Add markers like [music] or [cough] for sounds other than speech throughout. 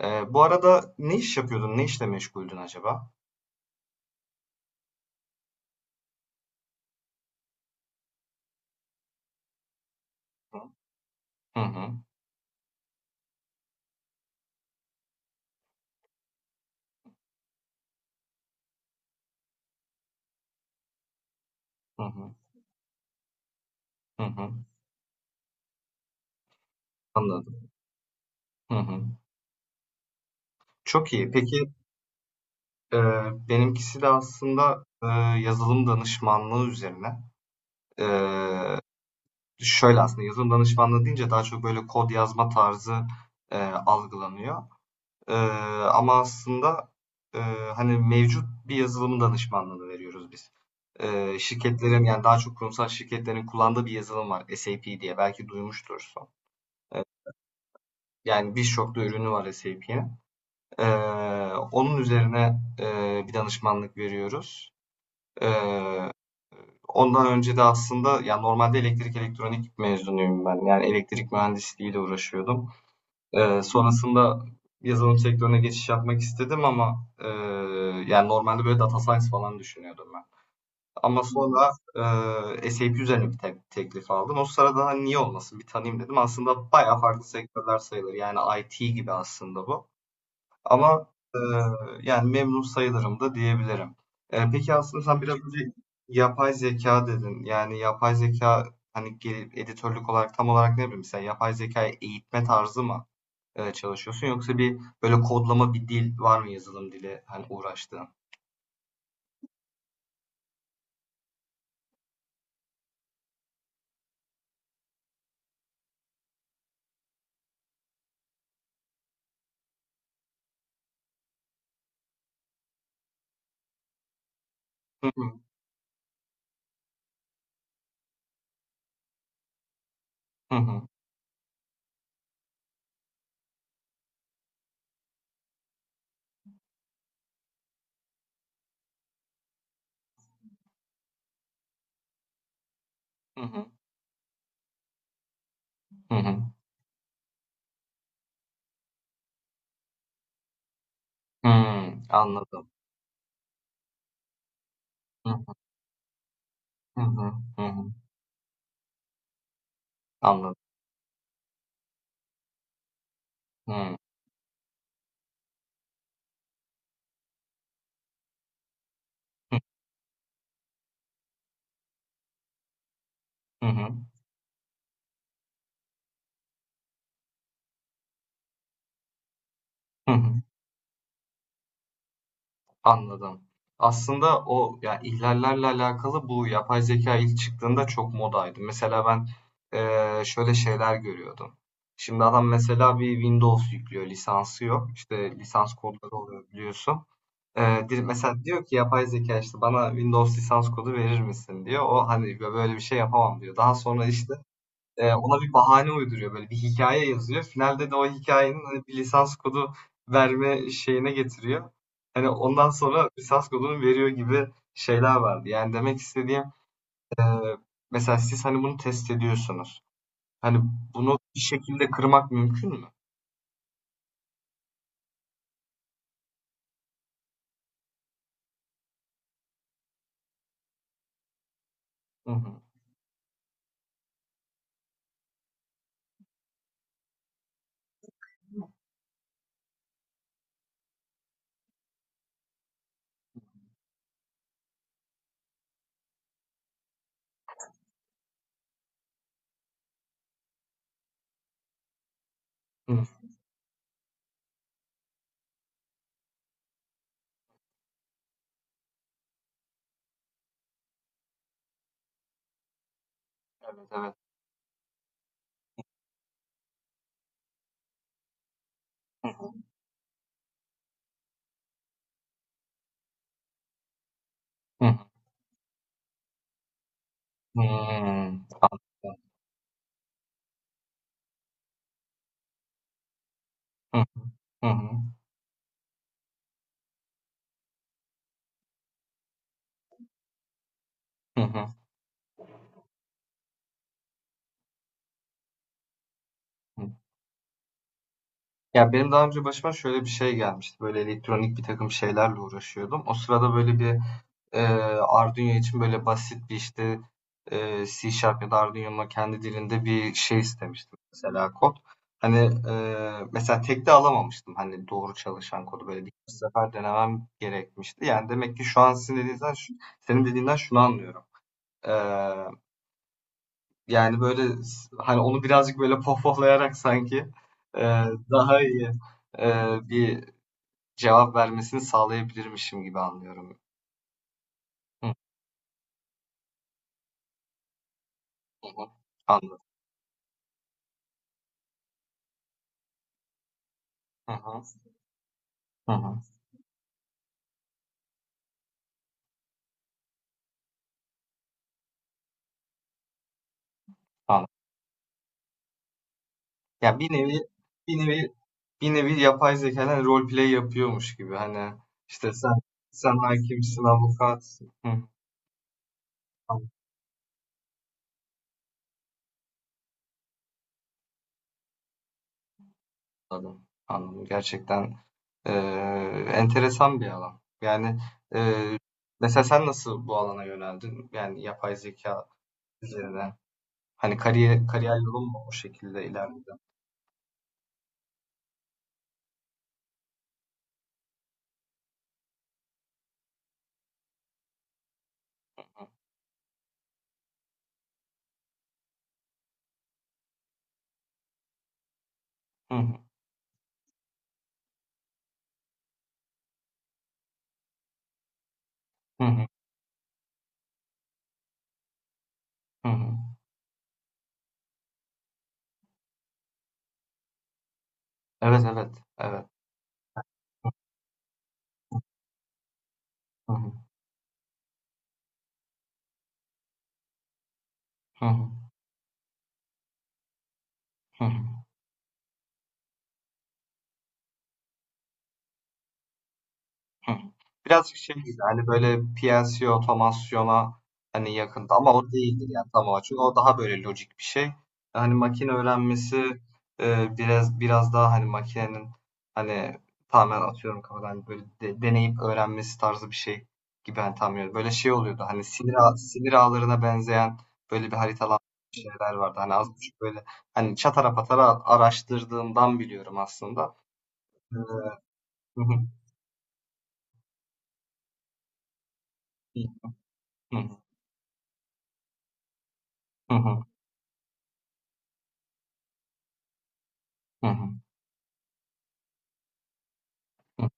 Bu arada ne iş yapıyordun? Ne işle meşguldün acaba? Hı hı. Hı hı. Hı hı. Anladım. Hı hı. Çok iyi. Peki, benimkisi de aslında, yazılım danışmanlığı üzerine. Eee, şöyle aslında yazılım danışmanlığı deyince daha çok böyle kod yazma tarzı, eee, algılanıyor. Eee, ama aslında, eee, hani mevcut bir yazılım danışmanlığını veriyoruz biz. Şirketlerin yani daha çok kurumsal şirketlerin kullandığı bir yazılım var SAP diye belki duymuştursun. E, Yani birçok da ürünü var SAP'in. Ee, onun üzerine bir danışmanlık veriyoruz. Ee, ondan önce de aslında yani normalde elektrik elektronik mezunuyum ben. Yani elektrik mühendisliğiyle uğraşıyordum. Sonrasında yazılım sektörüne geçiş yapmak istedim ama yani normalde böyle data science falan düşünüyordum ben. Ama sonra SAP üzerine bir teklif aldım. O sırada hani niye olmasın bir tanıyayım dedim. Aslında bayağı farklı sektörler sayılır. Yani IT gibi aslında bu. Ama eee, yani memnun sayılırım da diyebilirim. Peki aslında sen biraz önce yapay zeka dedin. Yani yapay zeka hani gelip editörlük olarak tam olarak ne bileyim sen yapay zekayı eğitme tarzı mı çalışıyorsun yoksa bir böyle kodlama bir dil var mı yazılım dili hani uğraştığın? Hı hı hı hı hı hı hı hı. Anladım. Hı hı hı hı hı. Anladım. Hı hı hı hı. Hı. Hı. Anladım. Aslında o ya ihlallerle alakalı bu yapay zeka ilk çıktığında çok modaydı. Mesela ben şöyle şeyler görüyordum. Şimdi adam mesela bir Windows yüklüyor, lisansı yok. İşte lisans kodları oluyor biliyorsun. Mesela diyor ki yapay zeka işte bana Windows lisans kodu verir misin diyor. O hani böyle bir şey yapamam diyor. Daha sonra işte ona bir bahane uyduruyor, böyle bir hikaye yazıyor. Finalde de o hikayenin hani, bir lisans kodu verme şeyine getiriyor. Hani, ondan sonra lisans kodunu veriyor gibi şeyler vardı. Yani demek istediğim, eee, mesela siz, hani, bunu test ediyorsunuz. Hani, bunu bir şekilde kırmak mümkün mü? Hı hı. Hı. Evet, evet. Hı hı. Hı hı. Hımm. Anladım. Hı hı. Hı hı. Hı hı. Hı. Ya, benim daha önce başıma şöyle bir şey gelmişti. Böyle elektronik birtakım şeylerle uğraşıyordum. O sırada böyle bir, Eee, Arduino için böyle basit bir işte C Sharp ya da Arduino'nun kendi dilinde bir şey istemiştim mesela kod. Hani mesela tek de alamamıştım hani doğru çalışan kodu böyle birkaç sefer denemem gerekmişti. Yani demek ki şu an sizin dediğinizden, senin dediğinden şunu anlıyorum. Eee, yani böyle hani onu birazcık böyle pohpohlayarak sanki eee, daha iyi bir cevap vermesini sağlayabilirmişim gibi anlıyorum. Hı hı. Anladım. Hı hı. Hı hı. Anladım. Ya bir nevi bir nevi yapay zekadan roleplay yapıyormuş gibi. Hani işte sen hakimsin, avukatsın. Hı, anladım. Anladım. Gerçekten enteresan bir alan. Yani eee, mesela sen nasıl bu alana yöneldin? Yani yapay zeka üzerine. Hani kariyer yolun mu o şekilde ilerledi? Hı hı, hı hı, hı hı. Evet, evet, evet. Hı hı, hı hı, hı hı. Hı. Birazcık şey gibi hani böyle PLC otomasyona hani yakında ama o değildir yani tam olarak. Çünkü o daha böyle lojik bir şey. Hani makine öğrenmesi biraz daha hani makinenin hani tamamen atıyorum kafadan hani böyle deneyip öğrenmesi tarzı bir şey gibi hani tam yani böyle şey oluyordu. Hani sinir ağlarına benzeyen böyle bir haritalanmış şeyler vardı. Hani az buçuk böyle hani çatara patara araştırdığımdan biliyorum aslında. Ee, hı hı, hı hı, hı hı, hı hı. Hı,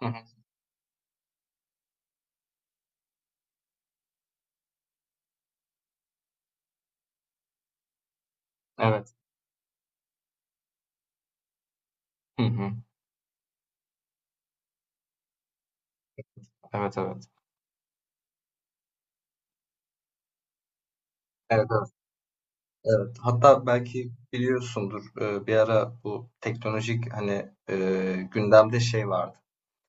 hı hı. Evet. Hı hı. Evet, evet. Evet, evet, evet. Hatta belki biliyorsundur, bir ara bu teknolojik hani, gündemde şey vardı.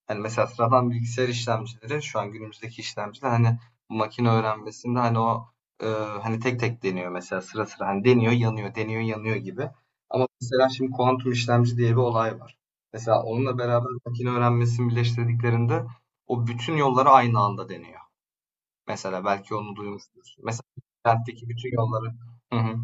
Hani mesela sıradan bilgisayar işlemcileri şu an günümüzdeki işlemciler hani bu makine öğrenmesinde hani o, eee, hani tek tek deniyor mesela sıra sıra hani deniyor yanıyor, deniyor yanıyor gibi. Ama mesela şimdi kuantum işlemci diye bir olay var. Mesela onunla beraber makine öğrenmesini birleştirdiklerinde o bütün yolları aynı anda deniyor. Mesela belki onu duymuşsunuz. Mesela kentteki bütün yolları, hı hı,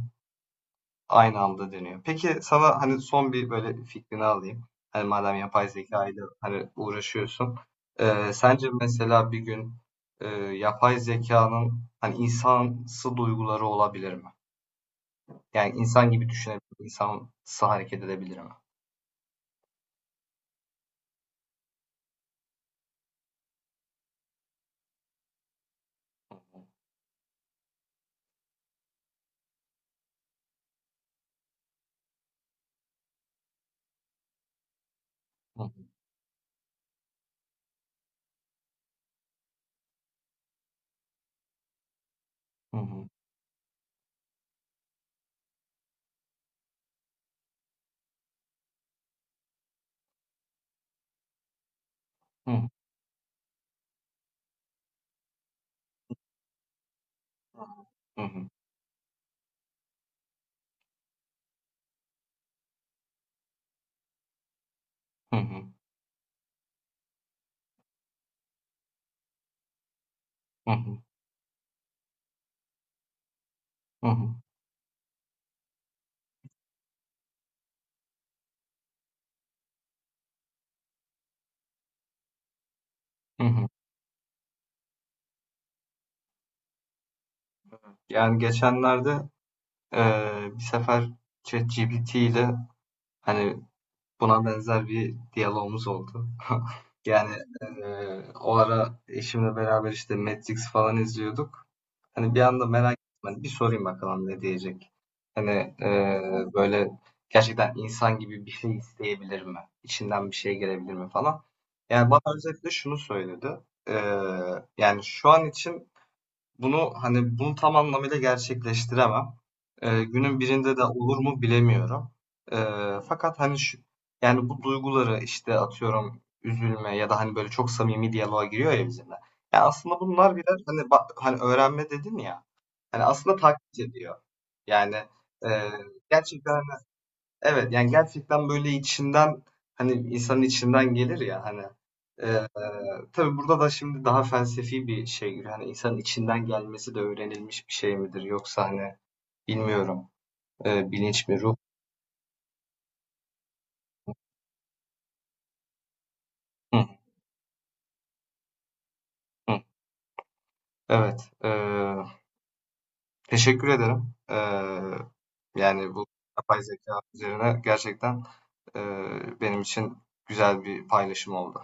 aynı anda dönüyor. Peki sana hani son bir böyle fikrini alayım. Hani madem yapay zeka ile hani uğraşıyorsun. Sence mesela bir gün yapay zekanın hani insansı duyguları olabilir mi? Yani insan gibi düşünebilir, insansı hareket edebilir mi? Hı hı. Hı hı. Hı hı. Hı hı. Hı hı. Hı hı. Hı hı. Hı hı. Yani geçenlerde bir sefer ChatGPT ile hani buna benzer bir diyalogumuz oldu. [laughs] Yani o ara eşimle beraber işte Matrix falan izliyorduk. Hani bir anda merak ettim. Hani bir sorayım bakalım ne diyecek. Hani böyle gerçekten insan gibi bir şey isteyebilir mi? İçinden bir şey gelebilir mi falan. Yani bana özetle şunu söyledi. Yani şu an için bunu hani bunu tam anlamıyla gerçekleştiremem. Günün birinde de olur mu bilemiyorum. Ee, fakat hani şu, yani bu duyguları işte atıyorum üzülme ya da hani böyle çok samimi diyaloğa giriyor ya bizimle. Yani aslında bunlar birer hani hani öğrenme dedin ya. Hani aslında taklit ediyor. Yani e, gerçekten hani. Evet, yani gerçekten böyle içinden hani insanın içinden gelir ya hani eee tabii burada da şimdi daha felsefi bir şey giriyor. Hani insanın içinden gelmesi de öğrenilmiş bir şey midir? Yoksa hani bilmiyorum bilinç mi ruh? Hı, hı. Evet teşekkür ederim. Yani bu yapay zeka üzerine gerçekten benim için güzel bir paylaşım oldu.